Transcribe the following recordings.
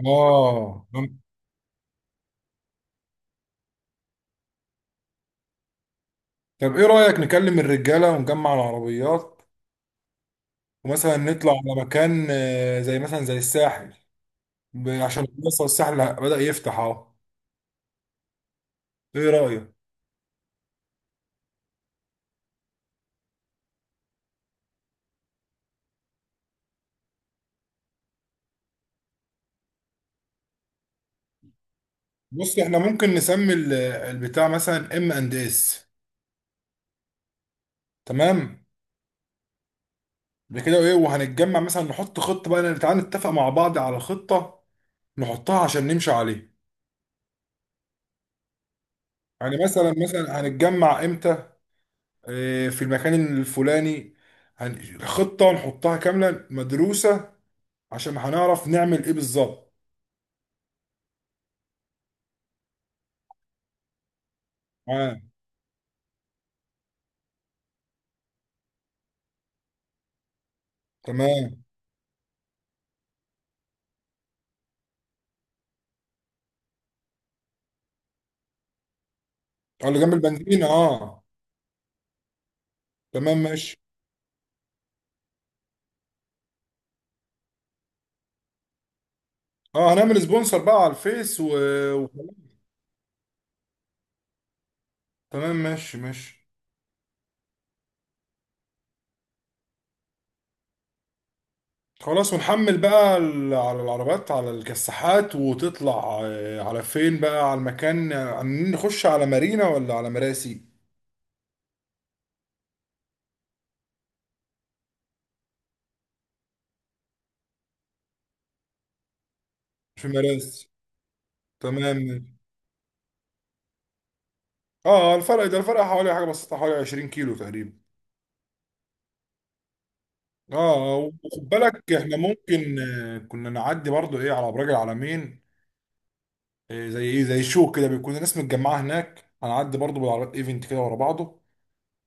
اه، طب ايه رأيك نكلم الرجالة ونجمع العربيات، ومثلا نطلع على مكان زي مثلا زي الساحل. عشان لسه الساحل بدأ يفتح اهو. ايه رأيك؟ بص، احنا ممكن نسمي البتاع مثلا ام اند اس. تمام. بكده ايه، وهنتجمع مثلا، نحط خطة بقى. تعالى نتفق مع بعض على خطة نحطها عشان نمشي عليها. يعني مثلا هنتجمع امتى. في المكان الفلاني. خطة نحطها كاملة مدروسة عشان هنعرف نعمل ايه بالظبط. اه، تمام. اه، اللي جنب البنزينة. اه، تمام ماشي. اه، هنعمل سبونسر بقى على الفيس و... وخلاص. تمام ماشي ماشي. خلاص، ونحمل بقى على العربات على الكساحات، وتطلع على فين بقى؟ على المكان عاملين نخش على مارينا ولا على مراسي؟ في مراسي. تمام ماشي. اه، الفرق حوالي حاجة بسيطة، حوالي 20 كيلو تقريبا. اه، وخد بالك احنا ممكن كنا نعدي برضو ايه على ابراج العلمين. إيه؟ زي شو كده بيكون الناس متجمعه هناك، هنعدي برضو بالعربيات ايفنت كده ورا بعضه،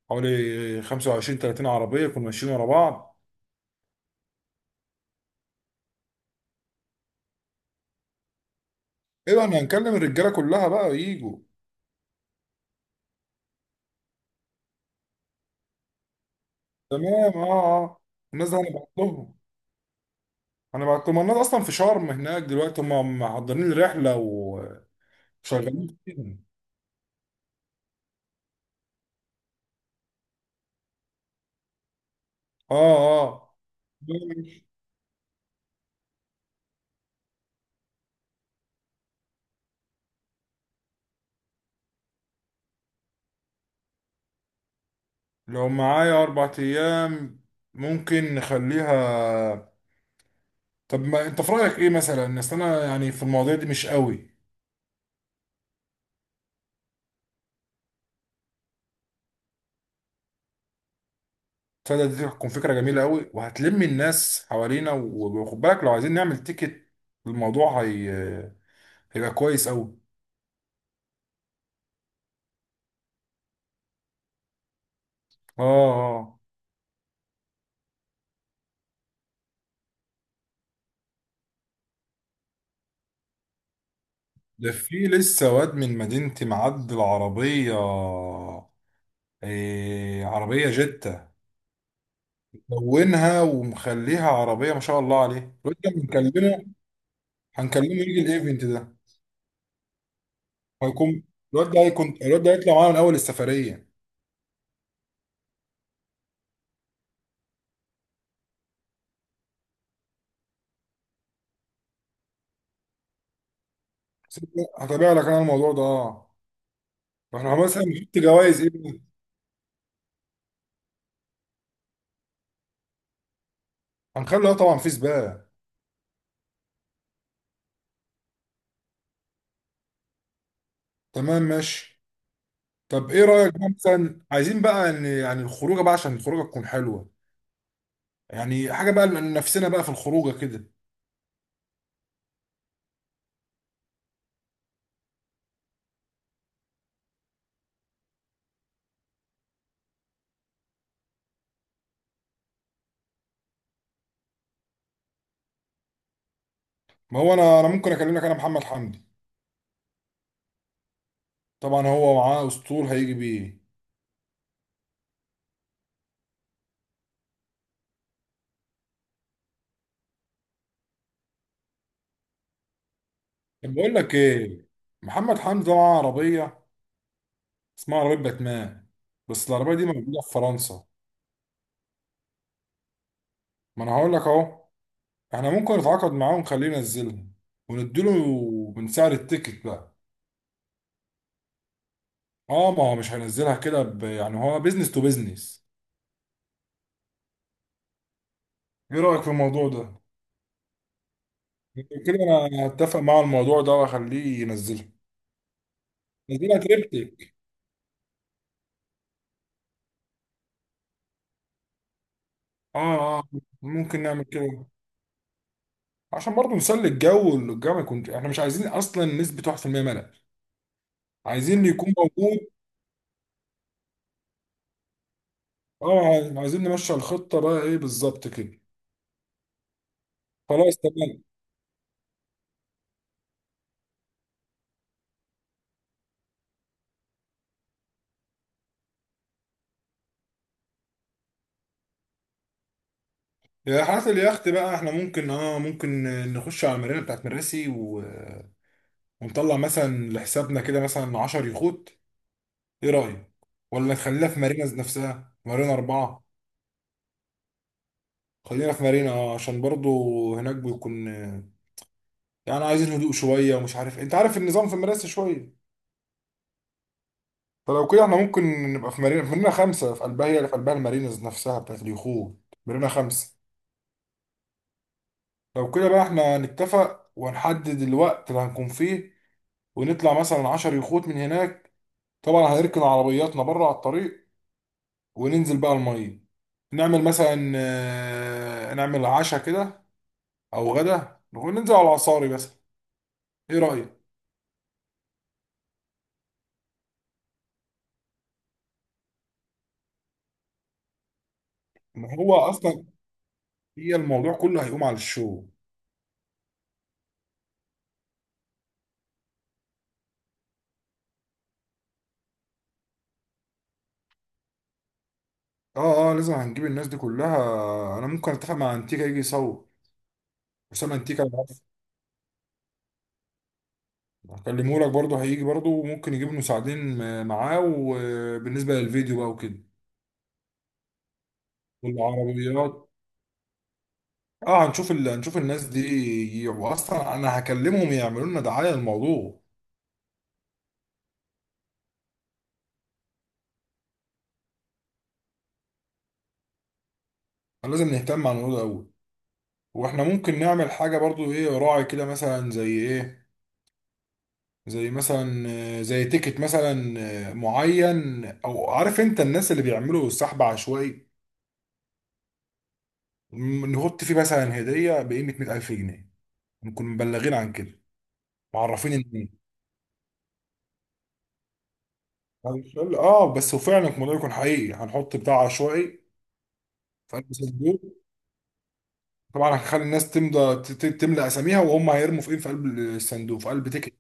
حوالي 25 30 عربيه يكونوا ماشيين ورا بعض. ايوه، احنا هنكلم الرجاله كلها بقى يجوا. تمام. اه اه، الناس دي هنبعت لهم الناس اصلا في شرم هناك دلوقتي، هم محضرين الرحله وشغالين فيهم. اه اه، لو معايا اربع ايام، ممكن نخليها. طب ما انت في رايك ايه مثلا الناس؟ انا يعني في المواضيع دي مش قوي. تصدق دي تكون فكرة جميلة قوي، وهتلم الناس حوالينا. وخد بالك، لو عايزين نعمل تيكت الموضوع هيبقى كويس قوي. اه اه، ده في لسه واد من مدينتي معدل عربية. إيه؟ عربية جتة لونها ومخليها عربية، ما شاء الله عليه. الواد ده بنكلمه، هنكلمه يجي الايفنت ده. هيكون الواد ده هيكون الواد ده هيطلع معانا من أول السفرية. هتابع لك أنا الموضوع ده. اه، احنا مثلا نحط جوائز ايه؟ هنخلي طبعا في سباق. تمام ماشي. طب ايه رايك بقى، مثلا عايزين بقى ان يعني الخروجه بقى، عشان الخروجه تكون حلوه. يعني حاجه بقى لنفسنا بقى في الخروجه كده. ما هو انا ممكن اكلمك انا محمد حمدي. طبعا هو معاه اسطول هيجي بيه. طب بقول لك ايه، محمد حمدي ده معاه عربيه، اسمها عربيه باتمان، بس العربيه دي موجوده في فرنسا. ما انا هقول لك اهو. احنا ممكن نتعاقد معاه ونخليه ينزلها، ونديله من سعر التيكت بقى. اه، ما هو مش هينزلها كده، يعني هو بيزنس تو بيزنس. ايه رايك في الموضوع ده؟ كده انا اتفق مع الموضوع ده، واخليه ينزلها. نزلها تريبتك. اه اه، ممكن نعمل كده عشان برضه نسلي الجو، والجو ما يكونش احنا مش عايزين اصلا نسبة 1% ملل. عايزين اللي يكون موجود. اه، عايزين نمشي الخطة بقى ايه بالظبط كده؟ خلاص تمام. يا حالة اليخت بقى، احنا ممكن نخش على المارينا بتاعت مراسي و... ونطلع مثلا لحسابنا كده مثلا 10 يخوت. ايه رأيك؟ ولا نخليها في مارينا نفسها، مارينا أربعة. خلينا في مارينا عشان برضو هناك بيكون يعني عايزين هدوء شوية، ومش عارف انت عارف النظام في مراسي شوية. فلو كده احنا ممكن نبقى في مارينا خمسة، في قلبها، هي اللي في قلبها المارينز نفسها بتاعت اليخوت. مارينا خمسة. لو كده بقى، احنا نتفق ونحدد الوقت اللي هنكون فيه، ونطلع مثلا عشر يخوت من هناك. طبعا هنركن عربياتنا بره على الطريق، وننزل بقى المية. نعمل مثلا نعمل عشاء كده، او غدا، وننزل على العصاري مثلا. ايه رأيك؟ ما هو اصلا هي الموضوع كله هيقوم على الشو. اه اه، لازم هنجيب الناس دي كلها. انا ممكن اتفق مع انتيكا يجي يصور. اسامه انتيكا انا عارف. هكلمه لك برضه، هيجي برضه، وممكن يجيب مساعدين معاه. وبالنسبه للفيديو بقى وكده، والعربيات. اه، هنشوف هنشوف الناس دي يجي. واصلا انا هكلمهم يعملوا لنا دعايه للموضوع. فلازم نهتم على الموضوع ده قوي. واحنا ممكن نعمل حاجه برضه ايه، راعي كده مثلا، زي ايه، زي مثلا زي تيكت مثلا معين. او عارف انت الناس اللي بيعملوا سحب عشوائي؟ نحط فيه مثلا هديه بقيمه 100,000 جنيه، نكون مبلغين عن كده، معرفين ان إيه. اه، بس وفعلا الموضوع يكون حقيقي. هنحط بتاع عشوائي في قلب صندوق. طبعا هنخلي الناس تمضى، تملى اساميها، وهم هيرموا في ايه، في قلب الصندوق، في قلب تيكت.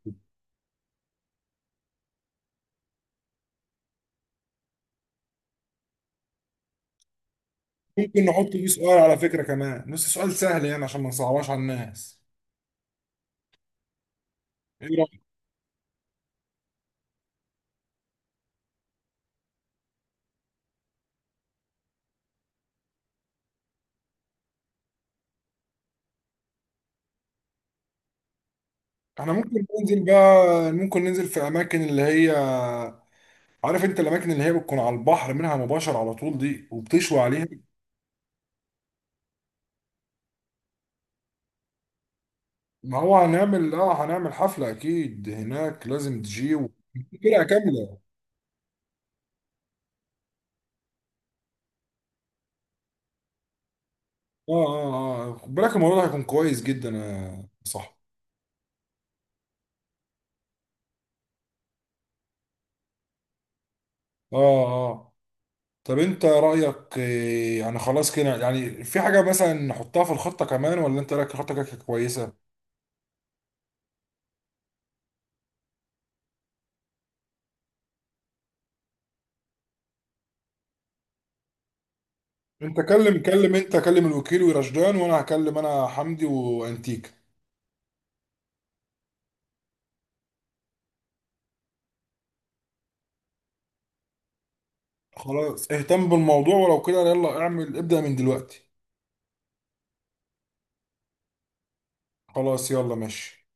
ممكن نحط فيه سؤال على فكره، كمان نص سؤال سهل يعني عشان ما نصعبهاش على الناس. احنا ممكن ننزل بقى، ممكن ننزل في اماكن اللي هي، عارف انت الاماكن اللي هي بتكون على البحر منها مباشر على طول دي، وبتشوي عليها. ما هو هنعمل، هنعمل حفلة اكيد هناك. لازم تجي فرقة كاملة. اه اه اه، خد بالك الموضوع ده هيكون كويس جدا يا صح. اه اه، طب انت رأيك يعني خلاص كده يعني، في حاجة مثلا نحطها في الخطة كمان، ولا انت رأيك الخطة كده كويسة؟ انت كلم كلم انت كلم الوكيل ورشدان، وانا هكلم انا حمدي وانتيكا. خلاص اهتم بالموضوع، ولو كده يلا اعمل، ابدأ من دلوقتي. خلاص يلا ماشي.